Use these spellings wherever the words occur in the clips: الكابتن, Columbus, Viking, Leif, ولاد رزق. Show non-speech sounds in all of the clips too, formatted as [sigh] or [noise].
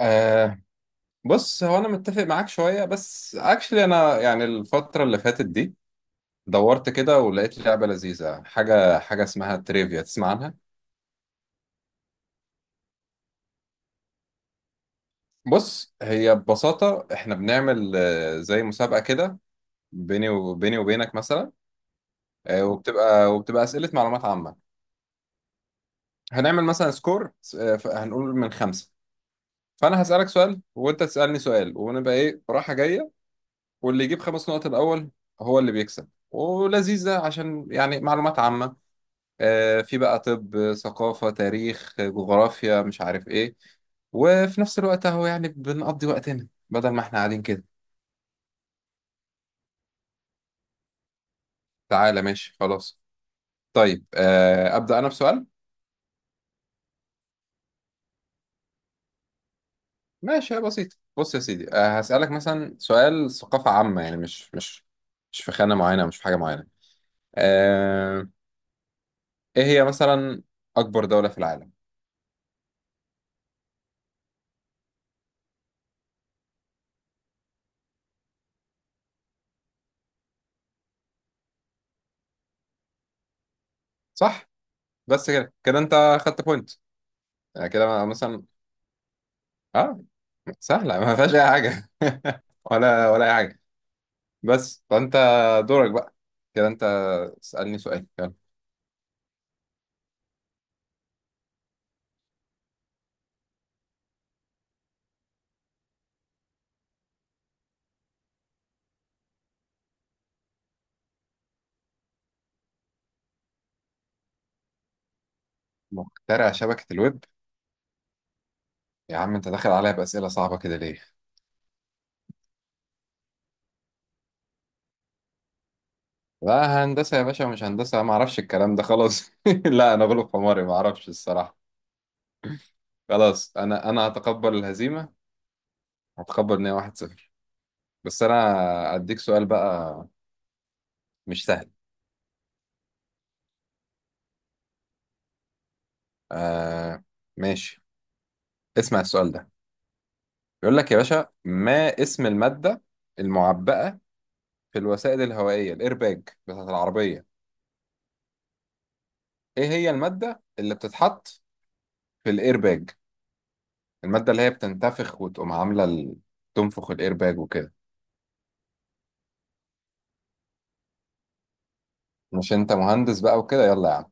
آه بص، هو انا متفق معاك شويه، بس اكشلي. انا يعني الفتره اللي فاتت دي دورت كده ولقيت لعبه لذيذه، حاجه حاجه اسمها تريفيا. تسمع عنها؟ بص، هي ببساطه احنا بنعمل زي مسابقه كده، بيني وبينك مثلا. وبتبقى اسئله معلومات عامه. هنعمل مثلا سكور. هنقول من 5، فانا هسالك سؤال وانت تسالني سؤال ونبقى ايه رايحه جايه. واللي يجيب 5 نقط الاول هو اللي بيكسب، ولذيذه عشان يعني معلومات عامه. في بقى طب ثقافة، تاريخ، جغرافيا، مش عارف ايه، وفي نفس الوقت اهو يعني بنقضي وقتنا بدل ما احنا قاعدين كده. تعالى، ماشي، خلاص. طيب، أبدأ أنا بسؤال. ماشي، هي بسيطة. بص يا سيدي، هسألك مثلا سؤال ثقافة عامة، يعني مش في خانة معينة، مش في حاجة معينة. آه، ايه هي مثلا؟ أكبر دولة في العالم؟ صح. بس كده كده أنت خدت بوينت. يعني كده مثلا. اه سهلة، ما فيهاش أي حاجة. [laughs] ولا ولا أي حاجة. بس، فانت دورك بقى، كده انت اسألني سؤال، يلا. مخترع شبكة الويب؟ يا عم، انت داخل عليا بأسئلة صعبة كده ليه؟ لا، هندسة يا باشا، مش هندسة، ما اعرفش الكلام ده، خلاص. [laughs] لا انا غلب حماري، ما اعرفش الصراحة. خلاص، انا هتقبل الهزيمة. هتقبل ان هي 1-0. بس انا اديك سؤال بقى، مش سهل. آه، ماشي. اسمع السؤال ده. بيقول لك يا باشا: ما اسم المادة المعبأة في الوسائد الهوائية، الايرباج بتاعت العربية؟ ايه هي المادة اللي بتتحط في الايرباج، المادة اللي هي بتنتفخ وتقوم عاملة تنفخ الايرباج وكده؟ مش انت مهندس بقى وكده؟ يلا يا عم.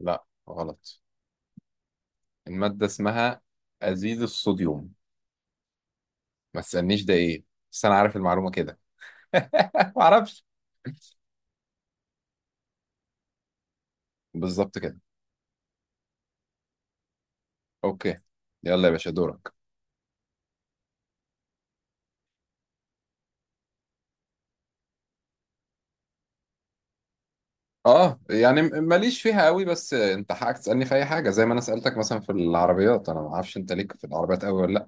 لا غلط. المادة اسمها أزيد الصوديوم. ما تسألنيش ده ايه، بس انا عارف المعلومة كده. [laughs] معرفش. بالظبط كده. اوكي. يلا يا باشا، دورك. اه، يعني ماليش فيها قوي، بس انت حقك تسألني في اي حاجة زي ما انا سألتك مثلا في العربيات. انا ما اعرفش، انت ليك في العربيات قوي ولا لا؟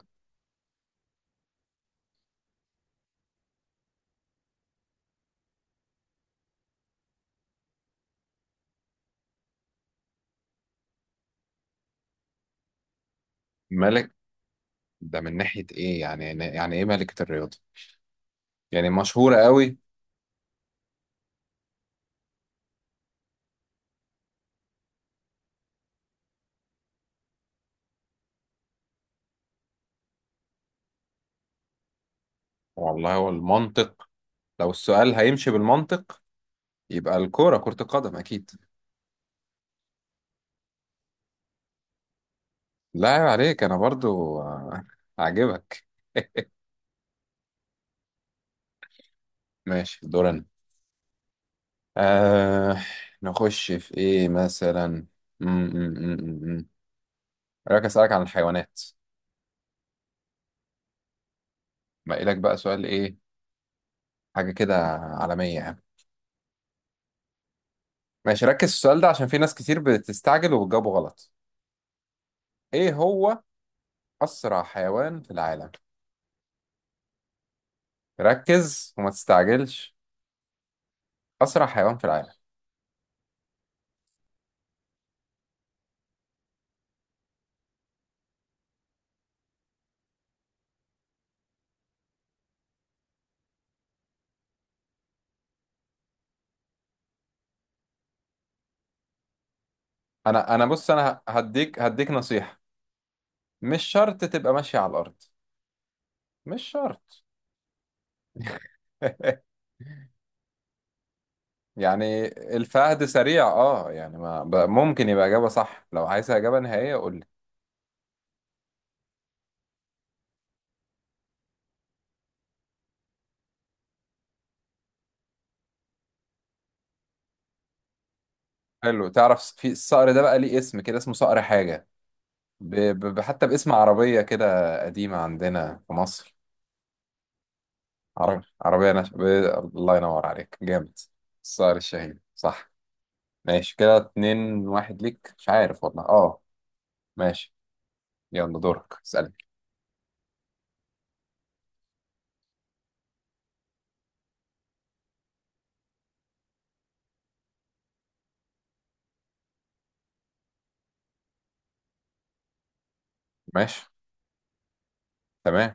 مالك؟ ده من ناحية إيه يعني إيه ملكة الرياضة؟ يعني مشهورة قوي؟ والله، هو المنطق، لو السؤال هيمشي بالمنطق يبقى الكورة، كرة القدم، أكيد. لا عيب عليك، أنا برضو عاجبك. [laughs] ماشي، دورنا. آه نخش في إيه مثلا؟ م- م- م- م- م. رأيك أسألك عن الحيوانات؟ باقي لك بقى سؤال إيه، حاجة كده عالمية يعني. ماشي، ركز في السؤال ده عشان في ناس كتير بتستعجل وبتجاوبه غلط. إيه هو أسرع حيوان في العالم؟ ركز وما تستعجلش. اسرع حيوان في العالم. انا انا بص، انا هديك نصيحة: مش شرط تبقى ماشي على الارض، مش شرط. [laughs] يعني الفهد سريع، يعني ما ممكن يبقى اجابة صح. لو عايز اجابة نهائية قول لي. حلو. تعرف في الصقر ده بقى ليه اسم كده، اسمه صقر حاجة، ب... حتى باسم عربية كده قديمة عندنا في مصر، عربية الله ينور عليك، جامد. الصقر الشهيد، صح. ماشي، كده 2-1 ليك، مش عارف والله. اه. ماشي، يلا دورك، اسألني. ماشي، تمام.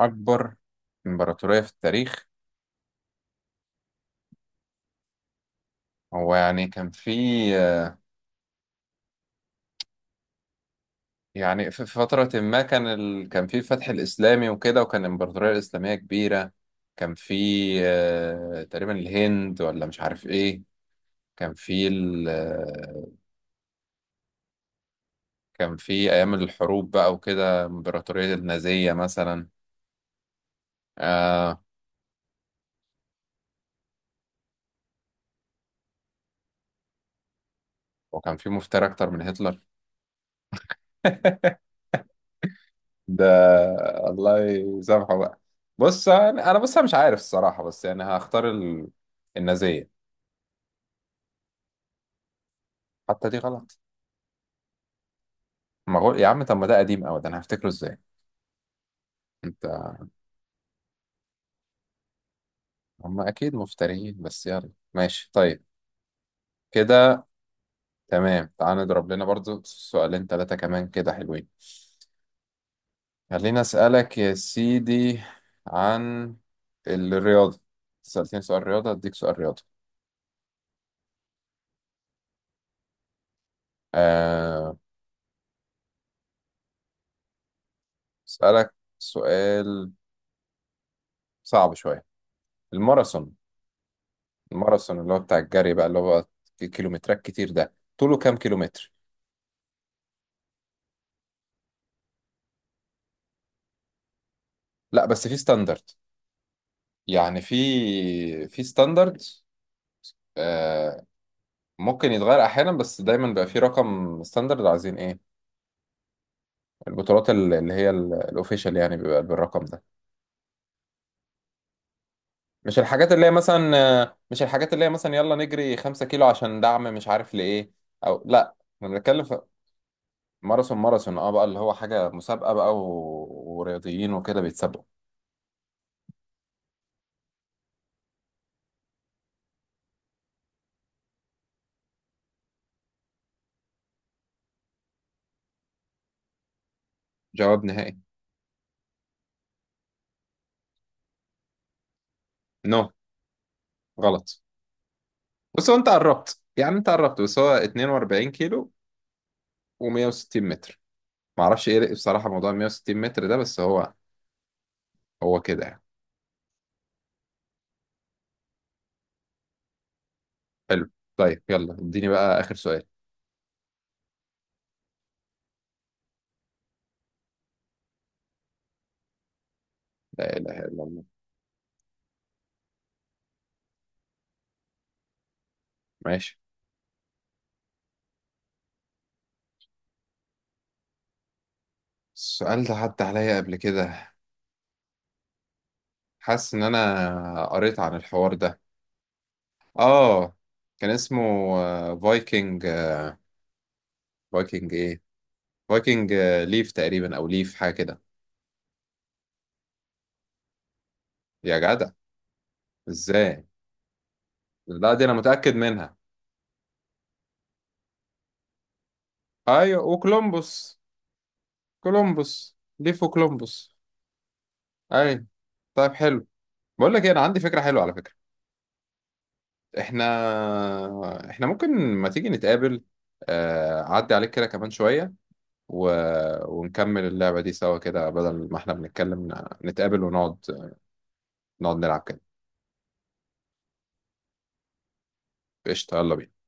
أكبر إمبراطورية في التاريخ. هو يعني كان في، يعني في في فترة ما كان كان في الفتح الإسلامي وكده، وكان الإمبراطورية الإسلامية كبيرة. كان في تقريبا الهند، ولا مش عارف إيه. كان في ال... آه، كان في أيام الحروب بقى وكده، إمبراطورية النازية مثلا. آه وكان في مفتري أكتر من هتلر. [laughs] ده، الله يسامحه بقى. بص انا، أنا مش عارف الصراحه، بس يعني هختار النازيه. حتى دي غلط؟ ما هو يا عم، طب ما ده قديم قوي، ده انا هفتكره ازاي؟ انت هم اكيد مفتريين. بس يلا، ماشي طيب. كده تمام. تعال نضرب لنا برضو سؤالين ثلاثه كمان، كده حلوين. خليني اسالك يا سيدي عن الرياضه. سألتني سؤال رياضه، اديك سؤال رياضه. أه... اسالك سؤال صعب شويه. الماراثون. الماراثون اللي هو بتاع الجري بقى، اللي هو كيلومترات كتير، ده طوله كام كيلومتر؟ لا، بس في ستاندرد، يعني في في ستاندرد. آه ممكن يتغير احيانا، بس دايما بيبقى في رقم ستاندرد. عايزين ايه، البطولات اللي هي الاوفيشال يعني بيبقى بالرقم ده. مش الحاجات اللي هي مثلا، آه، مش الحاجات اللي هي مثلا يلا نجري 5 كيلو عشان دعم مش عارف لايه، او لا، احنا بنتكلم في ماراثون. بقى اللي هو حاجة مسابقة بقى ورياضيين وكده بيتسابقوا. جواب نهائي؟ نو، غلط. بص، هو انت قربت، يعني انت قربت، بس هو 42 كيلو و160 متر. معرفش ايه بصراحة موضوع 160 متر ده، بس هو كده يعني. حلو. طيب، يلا اديني بقى آخر سؤال. لا إله إلا الله. ماشي، السؤال ده عدى عليا قبل كده، حاسس ان انا قريت عن الحوار ده. اه كان اسمه فايكنج، فايكنج ايه، فايكنج ليف تقريبا، او ليف حاجة كده. يا جدع، ازاي؟ لا، دي انا متأكد منها. ايوه، وكولومبوس. كولومبوس ليفو كولومبوس. اي. طيب، حلو. بقول لك ايه، انا عندي فكره حلوه على فكره. احنا احنا ممكن، ما تيجي نتقابل، اعدي عليك كده كمان شويه، و... ونكمل اللعبه دي سوا كده، بدل ما احنا بنتكلم نتقابل، ونقعد نلعب كده. قشطه، يلا بينا.